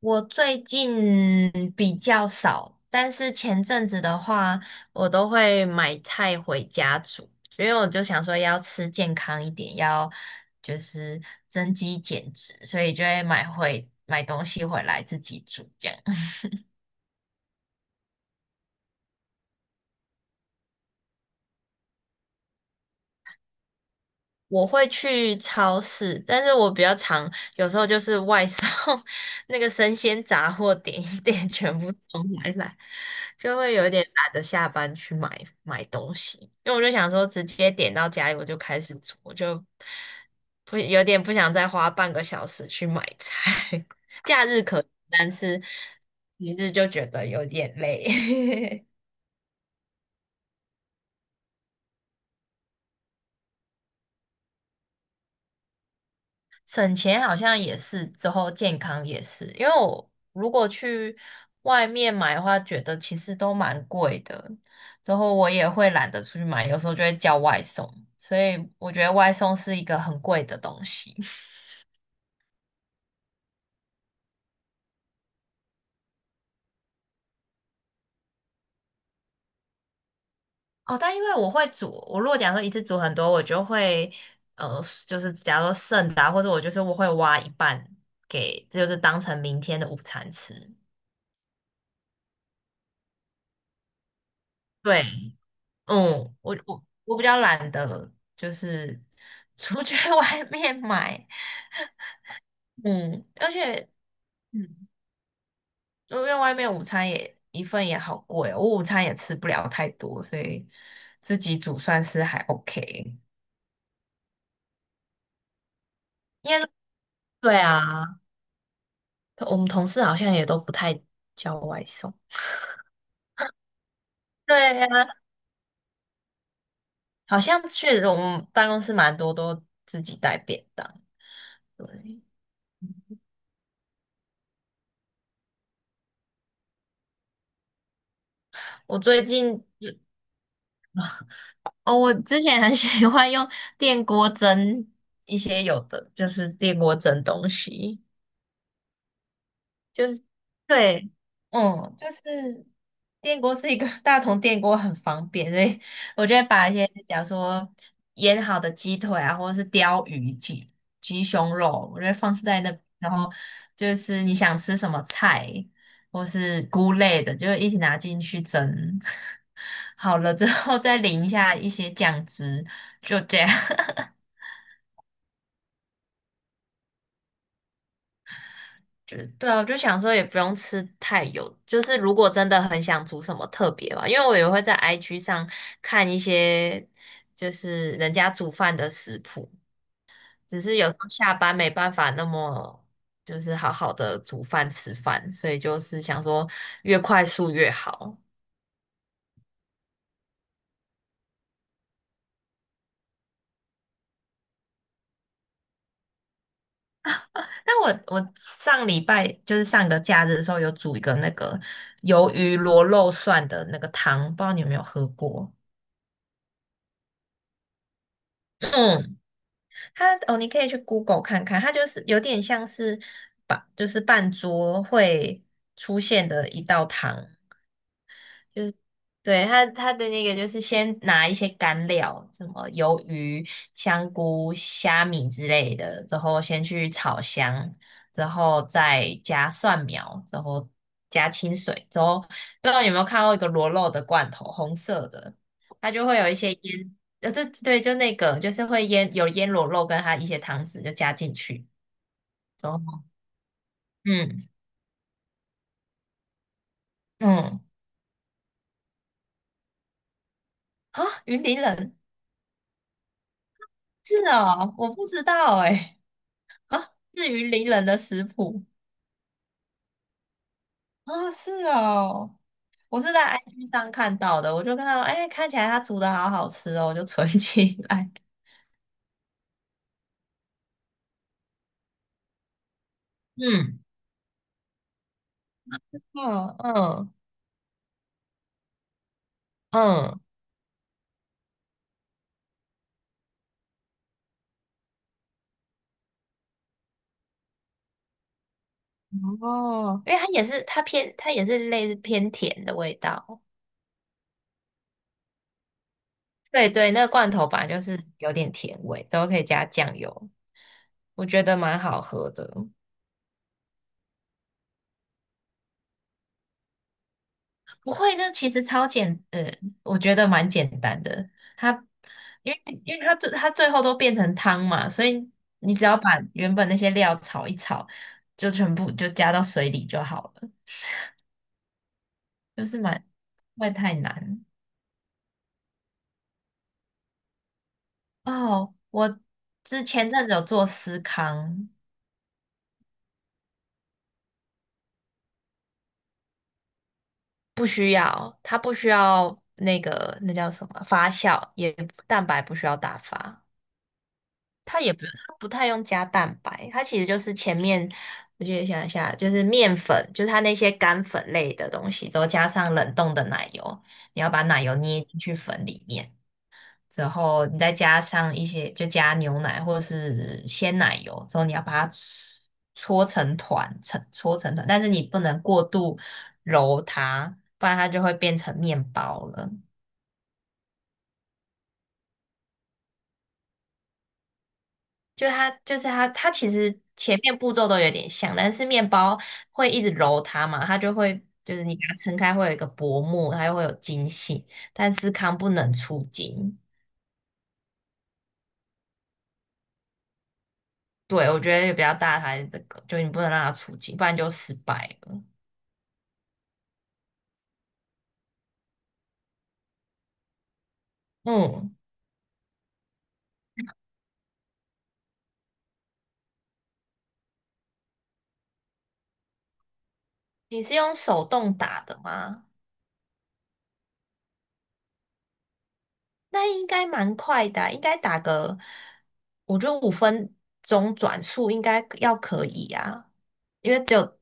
我最近比较少，但是前阵子的话，我都会买菜回家煮，因为我就想说要吃健康一点，要就是增肌减脂，所以就会买东西回来自己煮这样。我会去超市，但是我比较常有时候就是外送 那个生鲜杂货点一点，全部送回来，就会有一点懒得下班去买东西，因为我就想说直接点到家里我就开始煮，我就不有点不想再花半个小时去买菜。假日可以，但是平日就觉得有点累。省钱好像也是，之后健康也是，因为我如果去外面买的话，觉得其实都蛮贵的，之后我也会懒得出去买，有时候就会叫外送，所以我觉得外送是一个很贵的东西。哦，但因为我会煮，我如果假如说一次煮很多，我就会呃，就是假如说剩的啊或者我就是我会挖一半给，就是当成明天的午餐吃。对，嗯，我比较懒得，就是出去 外面买。嗯，而且嗯，因为外面午餐也一份也好贵哦，我午餐也吃不了太多，所以自己煮算是还 OK。因为对啊，我们同事好像也都不太叫外送。对呀、好像确实我们办公室蛮多都自己带便当。对，我最近哦，我之前很 喜欢用电锅蒸一些有的，就是电锅蒸东西。就是对，嗯，就是电锅是一个 大同电锅很方便，所以我就会把一些假如说腌好的鸡腿啊，或者是鲷鱼、鸡胸肉，我就会放在那，然后就是你想吃什么菜或是菇类的，就一起拿进去蒸。好了之后再淋一下一些酱汁，就这样。就对啊，我就想说也不用吃太油，就是如果真的很想煮什么特别吧，因为我也会在 IG 上看一些就是人家煮饭的食谱，只是有时候下班没办法那么就是好好的煮饭吃饭，所以就是想说越快速越好。但我上礼拜就是上个假日的时候有煮一个那个鱿鱼螺肉蒜的那个汤，不知道你有没有喝过？嗯它哦，你可以去 Google 看看，它就是有点像是把就是半桌会出现的一道汤，对，它的那个就是先拿一些干料，什么鱿鱼、香菇、虾米之类的，之后先去炒香，之后再加蒜苗，之后加清水，之后不知道有没有看过一个螺肉的罐头，红色的，它就会有一些对对，就那个就是会腌螺肉跟它一些汤汁就加进去，之后嗯嗯啊，云林人是哦，我不知道哎、啊，是云林人的食谱。啊，是哦，我是在 IG 上看到的，我就看到，哎，看起来它煮的好好吃哦，我就存 起来。嗯，嗯嗯嗯，哦，因为它也是类似偏甜的味道。对对，那个罐头本来就是有点甜味，都可以加酱油，我觉得蛮好喝的。不会那其实我觉得蛮简单的。它，因为它最后都变成汤嘛，所以你只要把原本那些料炒一炒，就全部就加到水里就好了，就是蛮不会太难。哦，我之前阵子有做司康，不需要，它不需要那个那叫什么发酵，也蛋白不需要打发。它也不太用加蛋白，它其实就是前面我记得想一下，就是面粉，就是它那些干粉类的东西，之后加上冷冻的奶油，你要把奶油捏进去粉里面，之后你再加上一些，就加牛奶或者是鲜奶油，之后你要把它搓成团，但是你不能过度揉它，不然它就会变成面包了。就它就是它，它其实前面步骤都有点像，但是面包会一直揉它嘛，它就会就是你把它撑开会有一个薄膜，它又会有筋性，但司康不能出筋。对，我觉得比较大的还是这个，就你不能让它出筋，不然就失败了。嗯，你是用手动打的吗？那应该蛮快的啊应该打个，我觉得五分钟转速应该要可以啊，因为只有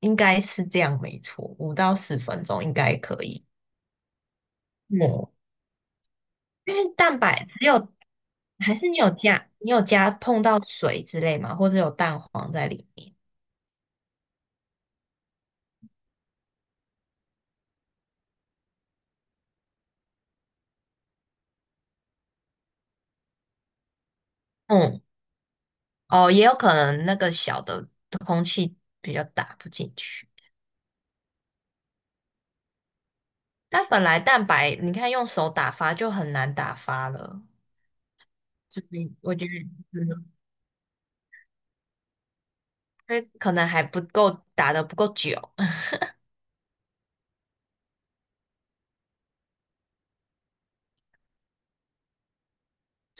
应该是这样，没错，五到十分钟应该可以嗯，哦因为蛋白只有，还是你有加，你有加碰到水之类吗？或者有蛋黄在里面？嗯，哦，也有可能那个小的空气比较打不进去。但本来蛋白，你看用手打发就很难打发了，就是我觉得可能，因为可能还不够打的不够久，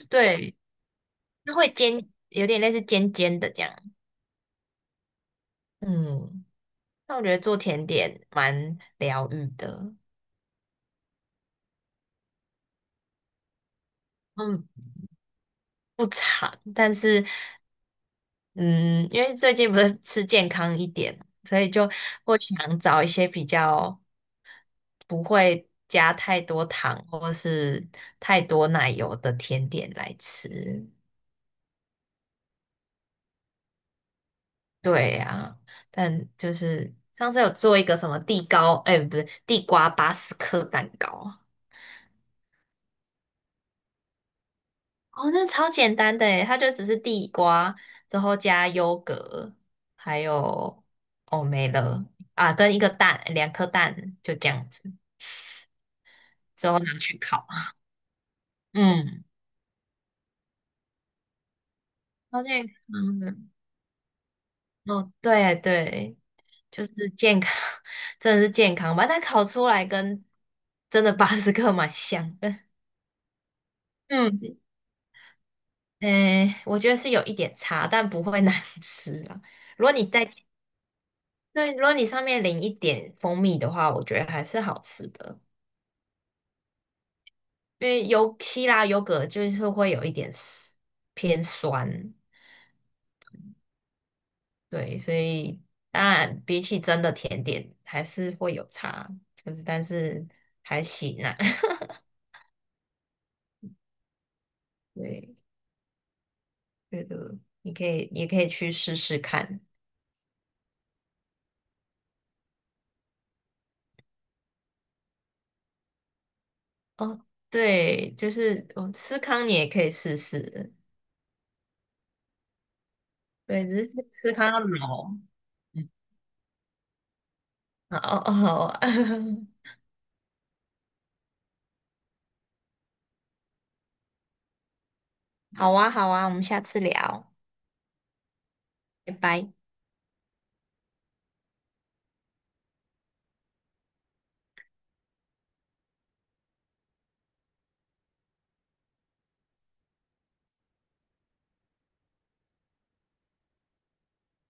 对，就会尖，有点类似尖尖的这样。嗯。那我觉得做甜点蛮疗愈的，嗯，不长，但是嗯，因为最近不是吃健康一点，所以就会想找一些比较不会加太多糖或是太多奶油的甜点来吃。对呀，但就是上次有做一个什么地糕，哎，不是地瓜巴斯克蛋糕，哦，那超简单的诶，它就只是地瓜，之后加优格，还有哦没了啊，跟一个蛋，两颗蛋，就这样子，之后拿去烤。嗯，超健康的。哦，对对，就是健康，真的是健康吧？但烤出来跟真的 巴斯克蛮像的。嗯，诶，我觉得是有一点差，但不会难吃了。如果你再那如果你上面淋一点蜂蜜的话，我觉得还是好吃的，因为有希腊优格就是会有一点 偏酸，对，所以当然比起真的甜点还是会有差，就是但是还行啊，对，觉得你可以也可以去试试看哦，对，就是哦，司康你也可以试试，对，只是司康要老，嗯，好哦，好啊 好啊，好啊，我们下次聊，拜拜。